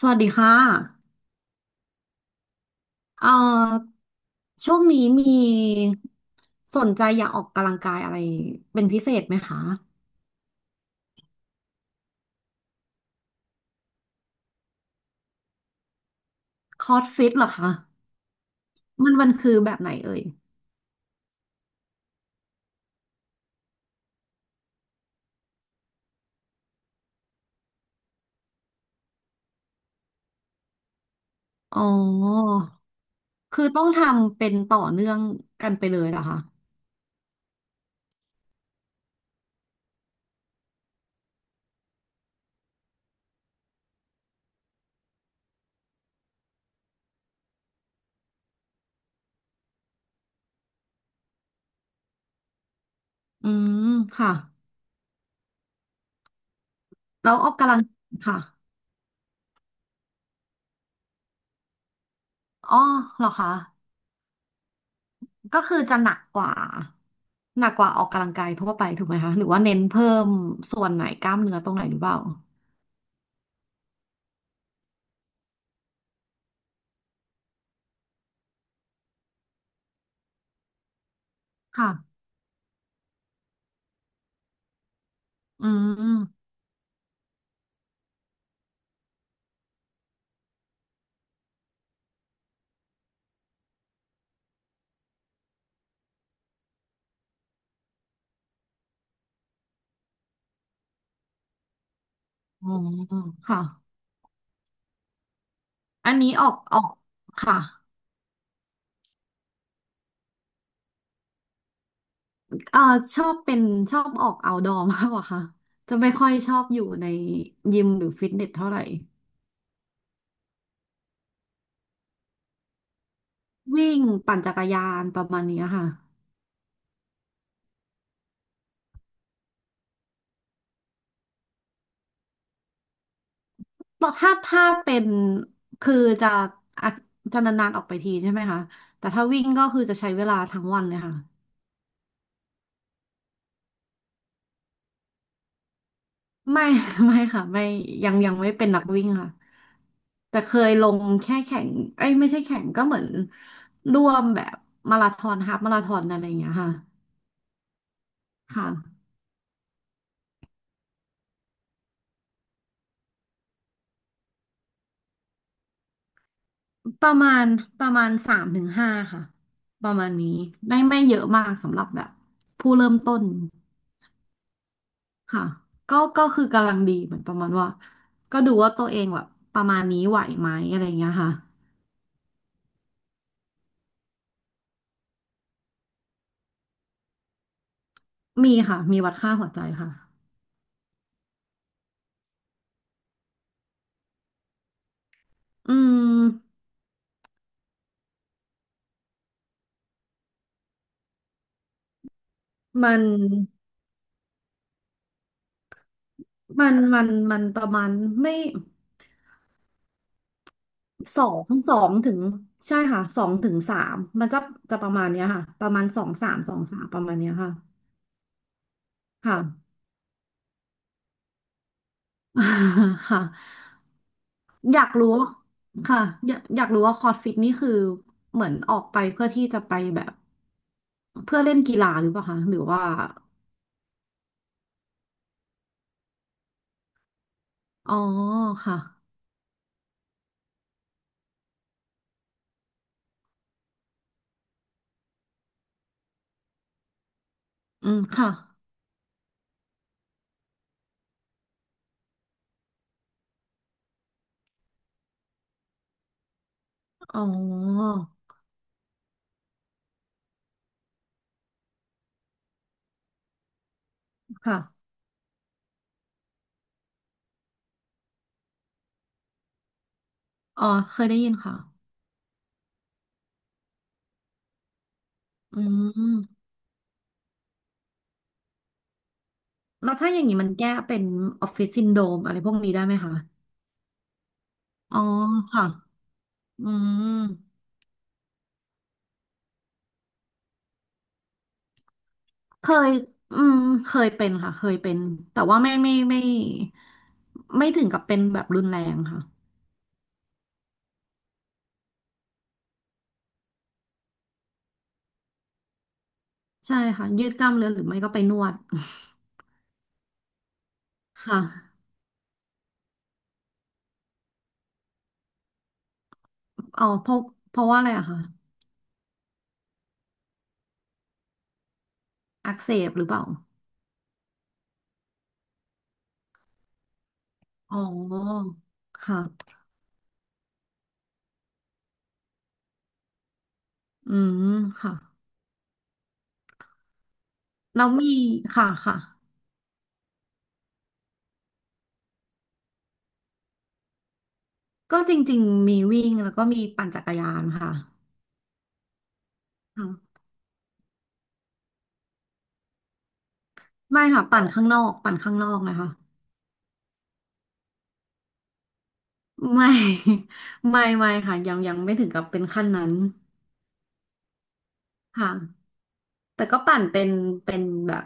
สวัสดีค่ะเอ่อช่วงนี้มีสนใจอยากออกกำลังกายอะไรเป็นพิเศษไหมคะ คอร์สฟิตเหรอคะมันคือแบบไหนเอ่ยอ๋อคือต้องทำเป็นต่อเนื่องกันไปเลยเหรอคะอืม ค่ะแล้วออกกำลังค่ะอ๋อเหรอคะก็คือจะหนักกว่าออกกำลังกายทั่วไปถูกไหมคะหรือว่าเน้นเพิ่มส่วนไหนกล้ามเนื้อตรงไหนหรือเปล่าค่ะอืม อ๋อค่ะอันนี้ออกค่ะเอ่อชอบเป็นชอบออก outdoor มากกว่าค่ะจะไม่ค่อยชอบอยู่ในยิมหรือฟิตเนสเท่าไหร่วิ่งปั่นจักรยานประมาณเนี้ยค่ะแต่ถ้าเป็นคือจะอาะจะนานๆออกไปทีใช่ไหมคะแต่ถ้าวิ่งก็คือจะใช้เวลาทั้งวันเลยค่ะ ไม่ ไม่ค่ะไม่ยังไม่เป็นนักวิ่งค่ะแต่เคยลงแค่แข่งเอ้ยไม่ใช่แข่งก็เหมือนร่วมแบบมาราธอนฮาล์ฟมาราธอนอะไรอย่างเงี้ยค่ะค่ะประมาณประมาณ3 ถึง 5ค่ะประมาณนี้ไม่เยอะมากสำหรับแบบผู้เริ่มต้นค่ะก็คือกำลังดีเหมือนประมาณว่าก็ดูว่าตัวเองแบบประมาณนี้ไหวไหมอะไรอย่างเงี้ยค่ะมีค่ะมีวัดค่าหัวใจค่ะอืมมัน มันประมาณไม่สองถึงใช่ค่ะสองถึงสามมันจะจะประมาณเนี้ยค่ะประมาณสองสามสองสามประมาณเนี้ยค่ะค่ะ ค่ะอยากรู้ว่าค่ะอยากรู้ว่าคอร์สฟิตนี่คือเหมือนออกไปเพื่อที่จะไปแบบเพื่อเล่นกีฬาหรือเปล่าคะหรือว่าอ๋อค่ะอืมค่ะอ๋อค่ะอ๋อเคยได้ยินค่ะอืมแล้วถ้าอย่างนี้มันแก้เป็นออฟฟิศซินโดรมอะไรพวกนี้ได้ไหมคะ อ๋อค่ะอืมเคยอืมเคยเป็นค่ะเคยเป็นแต่ว่าไม่ถึงกับเป็นแบบรุนแรงค่ะใช่ค่ะยืดกล้ามเนื้อหรือไม่ก็ไปนวดค่ะอ๋อเพราะว่าอะไรอะคะอักเสบหรือเปล่าอ๋อค่ะอืมค่ะแล้วมีค่ะค่ะก็จริงๆมีวิ่งแล้วก็มีปั่นจักรยานค่ะค่ะไม่ค่ะปั่นข้างนอกปั่นข้างนอกนะคะ ไม่ ไม่ค่ะยังไม่ถึงกับเป็นขั้นนั้นค่ะแต่ก็ปั่นเป็นเป็นแบบ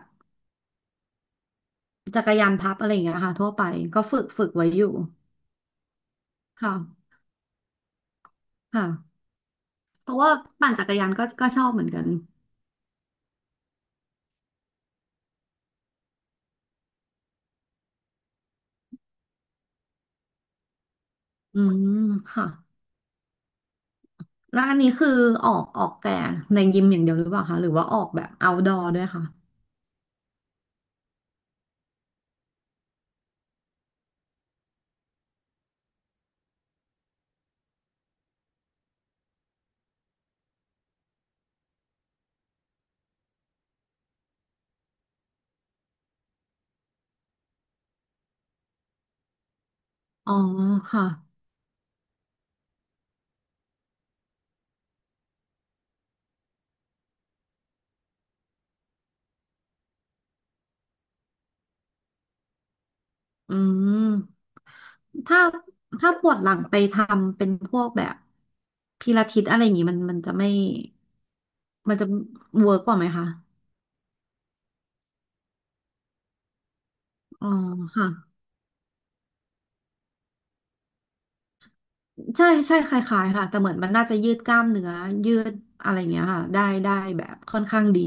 จักรยานพับอะไรอย่างเงี้ยค่ะทั่วไปก็ฝึกไว้อยู่ค่ะค่ะเพราะว่าปั่นจักรยานก็ชอบเหมือนกันอืมค่ะแล้วอันนี้คือออกแต่ในยิมอย่างเดียวหรือเปล่าคะหรือว่าออกแบบ outdoor ด้วยค่ะอ๋อค่ะอืม ถ้าถ้าปวดหลังไปทำเป็นพวกแบบพิลาทิสอะไรอย่างงี้มันจะไม่มันจะเวิร์กกว่าไหมคะอ๋อค่ะใช่ใช่คล้ายๆค่ะแต่เหมือนมันน่าจะยืดกล้ามเนื้อยืดอะไรอย่างเงี้ยค่ะได้ได้แบบค่อนข้างดี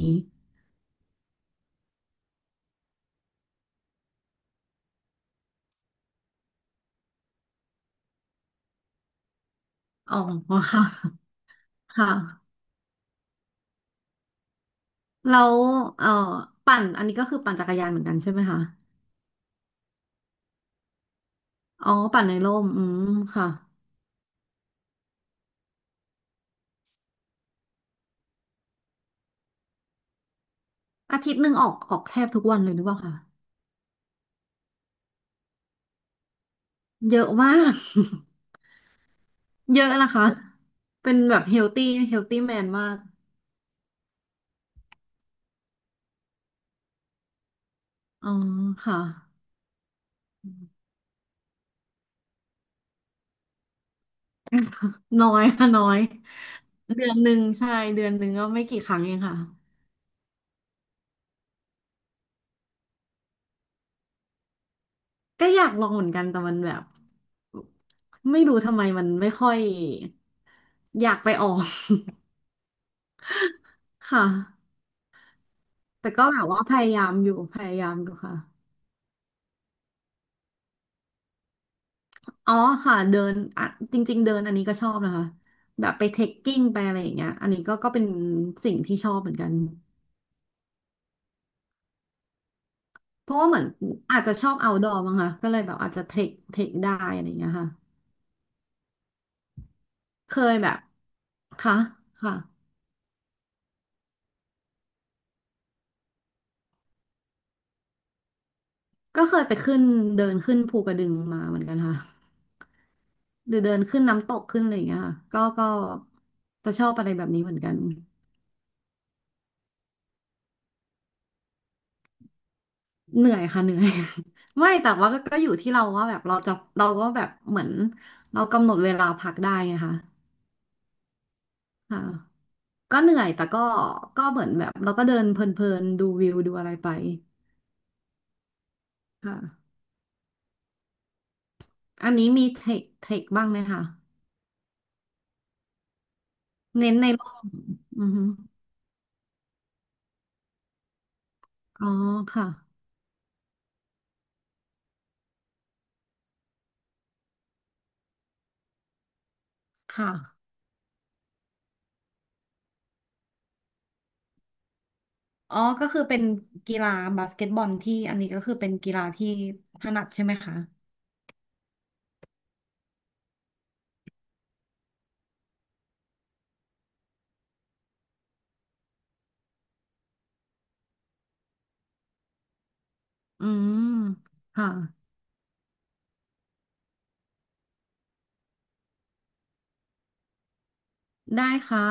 อ๋อค่ะค่ะแล้วเอ่อปั่นอันนี้ก็คือปั่นจักรยานเหมือนกันใช่ไหมคะอ๋อปั่นในร่มอืมค่ะอาทิตย์หนึ่งออกแทบทุกวันเลยหรือเปล่าคะเยอะมาก เยอะนะคะเป็นแบบเฮลตี้เฮลตี้แมนมากอ๋อค่ะน้อยค่ะน้อยเดือนหนึ่งใช่เดือนหนึ่งก็ไม่กี่ครั้งเองค่ะอยากลองเหมือนกันแต่มันแบบไม่รู้ทำไมมันไม่ค่อยอยากไปออก ค่ะแต่ก็แบบว่าพยายามอยู่พยายามอยู่ค่ะอ๋อค่ะเดินอ่ะจริงๆเดินอันนี้ก็ชอบนะคะแบบไปเทคกิ้งไปอะไรอย่างเงี้ยอันนี้ก็เป็นสิ่งที่ชอบเหมือนกัน เพราะว่าเหมือนอาจจะชอบ outdoor มั้งคะก็เลยแบบอาจจะเทคเทคได้อะไรอย่างเงี้ยค่ะเคยแบบค่ะค่ะก็เคยไปขึ้นเดินขึ้นภูกระดึงมาเหมือนกันค่ะหรือเดินขึ้นน้ำตกขึ้นอะไรอย่างเงี้ยค่ะก็จะชอบอะไรแบบนี้เหมือนกันเหนื่อยค่ะเหนื่อย ไม่แต่ว่าก็อยู่ที่เราว่าแบบเราจะเราก็แบบเหมือนเรากำหนดเวลาพักได้ไงคะค่ะก็เหนื่อยแต่ก็เหมือนแบบเราก็เดินเพลินๆดูวิวดูอะไรไปค่ะ อันนี้มีเทคเทคบ้างไหมคะเน้นในโลกอือฮึอ๋อค่ะค่ะอ๋อก็คือเป็นกีฬาบาสเกตบอลที่อันนี้ก็คือเป็นกีฬาที่ถนัดใช่ไหมคะอืมค่ะได้ค่ะ